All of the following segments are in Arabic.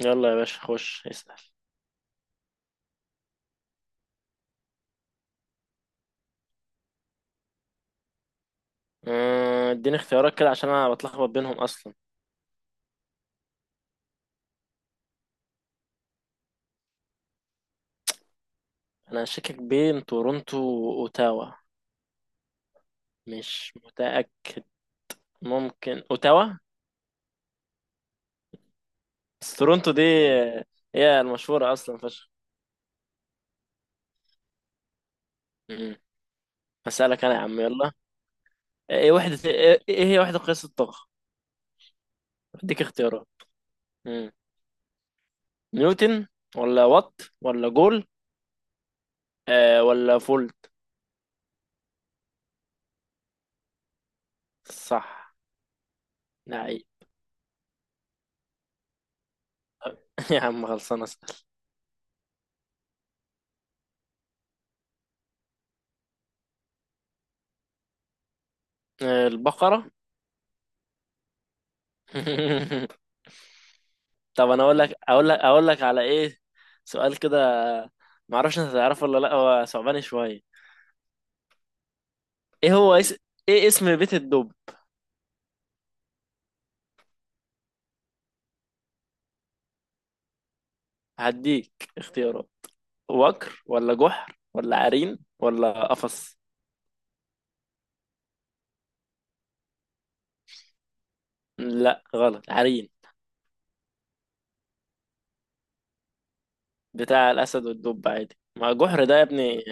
يلا يا باشا، خش اسأل. اديني اختيارات كده عشان انا بتلخبط بينهم اصلا. انا شاكك بين تورونتو واوتاوا. مش متأكد، ممكن اوتاوا. بس تورونتو دي آه، هي المشهورة اصلا فشخ. مم. هسألك انا يا عم، يلا. آه، ايه وحدة ايه إيه هي وحدة قياس الطاقة؟ اديك اختيارات. مم. نيوتن ولا وات ولا جول ولا فولت؟ صح. لا. يا عم، خلصانة، اسأل. البقرة. طب انا اقول لك على ايه سؤال كده. ما اعرفش، انت هتعرفه ولا لا، هو صعباني شويه. ايه هو اس... ايه اسم بيت الدب؟ هديك اختيارات. وكر ولا جحر ولا عرين ولا قفص؟ لا، غلط، عرين. بتاع الاسد والدب عادي، ما جحر ده يا ابني.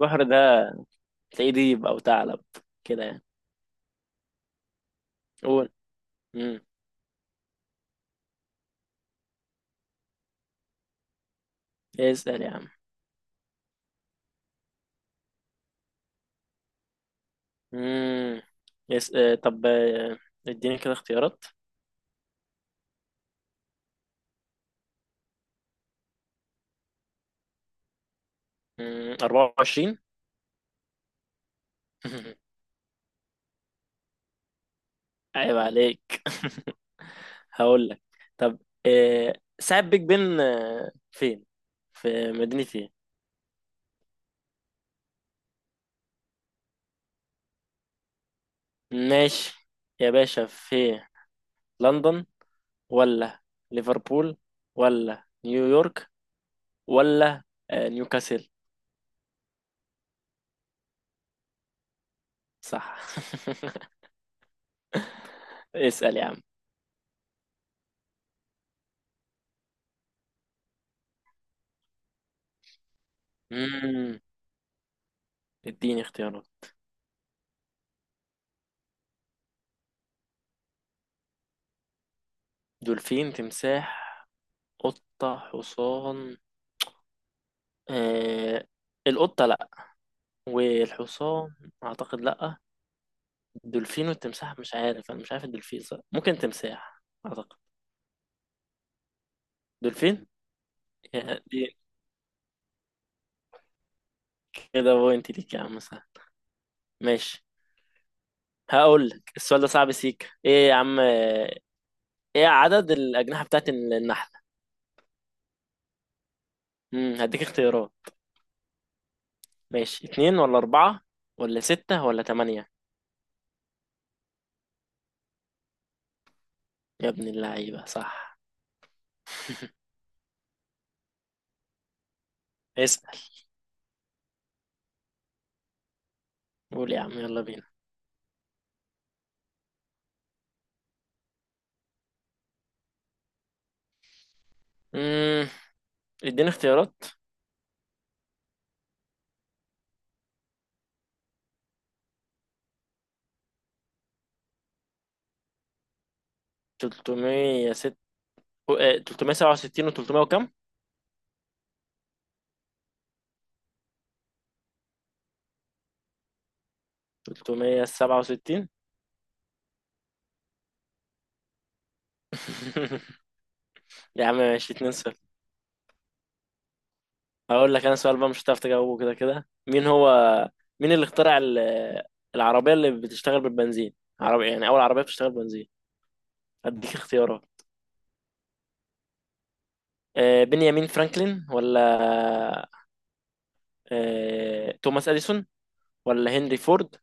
جحر ده تلاقيه ديب او ثعلب، كده يعني. قول. امم اسال يا عم. امم يس... آه، طب، اديني كده اختيارات. 24. عيب عليك. هقول لك. طب، آه، ساعة بيج بن فين؟ في مدينة ايه؟ ماشي يا باشا، في لندن ولا ليفربول ولا نيويورك ولا نيوكاسل؟ صح. اسأل يا عم. مم. اديني اختيارات. دولفين، تمساح، قطة، حصان. آه... القطة لأ، والحصان أعتقد لأ. دولفين والتمساح مش عارف، انا مش عارف، الدولفين صح، ممكن تمساح اعتقد. دولفين. يا دي! كده بوينت ليك يا عم، سهل. ماشي. هقول لك، السؤال ده صعب سيك، ايه يا عم؟ ايه عدد الاجنحه بتاعت النحله؟ هديك اختيارات. ماشي، اتنين ولا اربعه ولا ستة ولا تمانية؟ يا ابن اللعيبة، صح. اسأل. قول يا عم، يلا بينا. امم اديني اختيارات. 306، 367 و300 وكم، 367. يا عم، ماشي 2-0. هقول لك انا سؤال بقى مش هتعرف تجاوبه كده كده. مين اللي اخترع العربية اللي بتشتغل بالبنزين. عربية، يعني اول عربية بتشتغل بنزين. هديك اختيارات. بنيامين فرانكلين ولا توماس اديسون ولا هنري فورد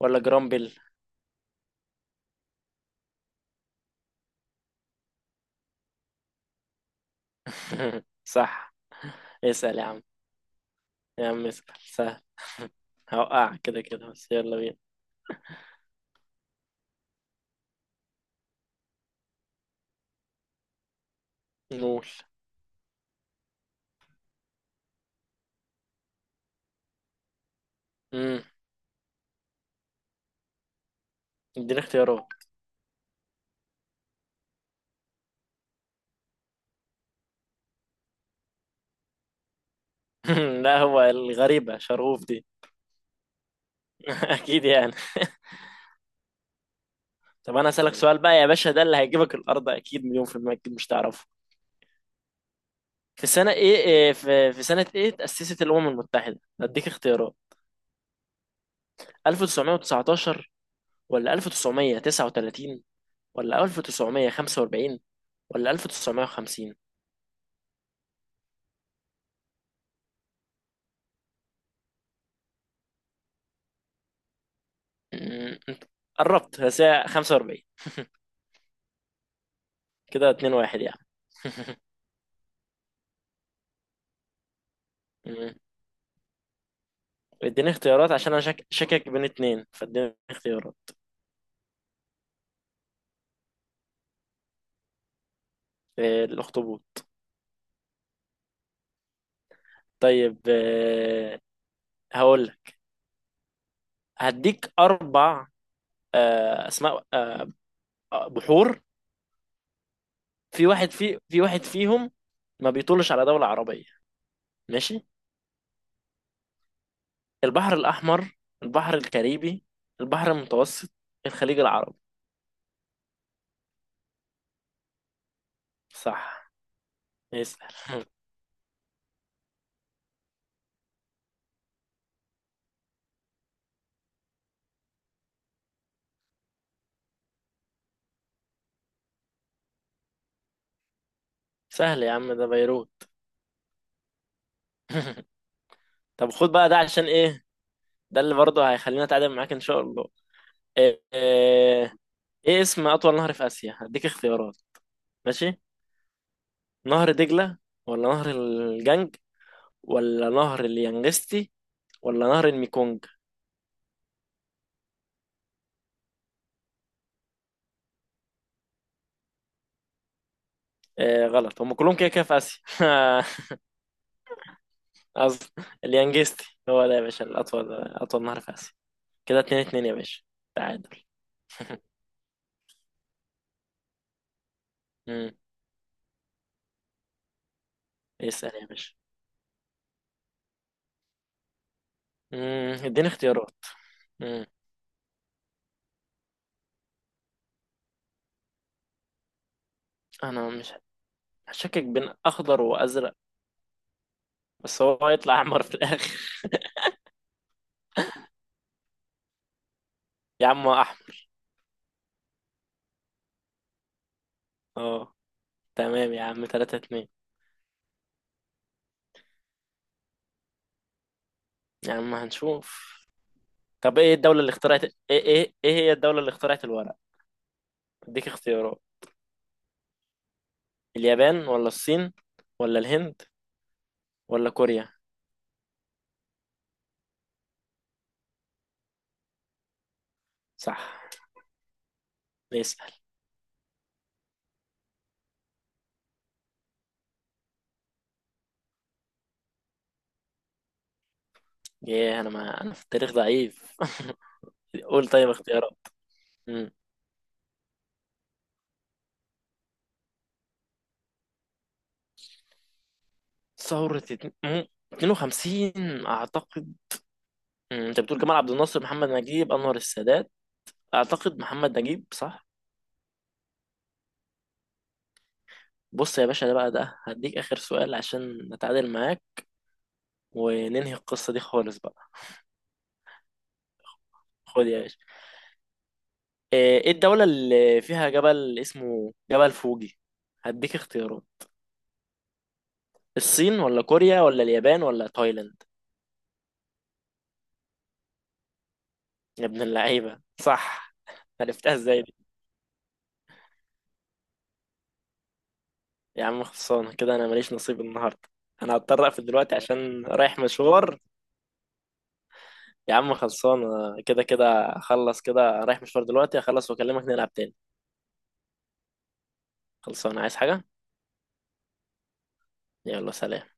ولا جرام بيل؟ صح. اسأل يا عم. يا عم، اسأل سهل. هوقعك كده كده، بس يلا بينا. نقول. امم اديني اختيارات. لا، هو الغريبة شرهوف دي. اكيد يعني. طب انا اسالك سؤال بقى يا باشا، ده اللي هيجيبك الارض، اكيد مليون في المية، أكيد مش تعرفه. في سنة ايه تأسست الأمم المتحدة؟ هديك اختيارات. 1919 ولا 1939 ولا 1945 ولا 1950؟ انت قربت، بس هي 45. كده 2-1 يعني. أمم، اديني اختيارات عشان انا شاكك بين اتنين، فاديني اختيارات. إيه، الأخطبوط. طيب، هقول لك. هديك اربع اسماء بحور. في واحد فيهم ما بيطلش على دولة عربية. ماشي. البحر الأحمر، البحر الكاريبي، البحر المتوسط، الخليج العربي؟ صح. يسأل. سهل يا عم، ده بيروت. طب خد بقى، ده عشان ايه. ده اللي برضه هيخلينا اتعادل معاك ان شاء الله. ايه, ايه إيه اسم اطول نهر في اسيا؟ هديك اختيارات. ماشي. نهر دجلة ولا نهر الجنج ولا نهر اليانجستي ولا نهر الميكونج؟ آه، غلط، هم كلهم كده كده في آسيا. قصدي، اليانجستي هو ده يا باشا الأطول، أطول نهر في آسيا. كده 2-2 يا باشا، تعادل. امم اسأل يا باشا. اديني اختيارات. امم أنا مش هشكك بين أخضر وأزرق، بس هو هيطلع أحمر في الآخر. يا عم، هو أحمر. اه. تمام يا عم، 3-2. يا عم، هنشوف. طب ايه هي الدولة اللي اخترعت الورق؟ اديك اختيارات. اليابان ولا الصين ولا الهند ولا كوريا؟ صح. اسأل. ياه، انا ما انا في التاريخ ضعيف. قول، طيب، اختيارات. مم. ثورة 52 اعتقد. انت بتقول جمال عبد الناصر، محمد نجيب، انور السادات. اعتقد محمد نجيب، صح. بص يا باشا، ده بقى ده هديك اخر سؤال عشان نتعادل معاك وننهي القصة دي خالص بقى. خد يا باشا. ايه الدولة اللي فيها جبل اسمه جبل فوجي؟ هديك اختيارات. الصين ولا كوريا ولا اليابان ولا تايلاند؟ يا ابن اللعيبة، صح. عرفتها ازاي؟ يا عم، خلصانة كده، أنا ماليش نصيب النهاردة. أنا هضطر أقفل دلوقتي، عشان رايح مشوار. يا عم، خلصانة كده كده. أخلص كده، رايح مشوار دلوقتي، أخلص وأكلمك نلعب تاني. خلصانة، عايز حاجة؟ يلا سلام.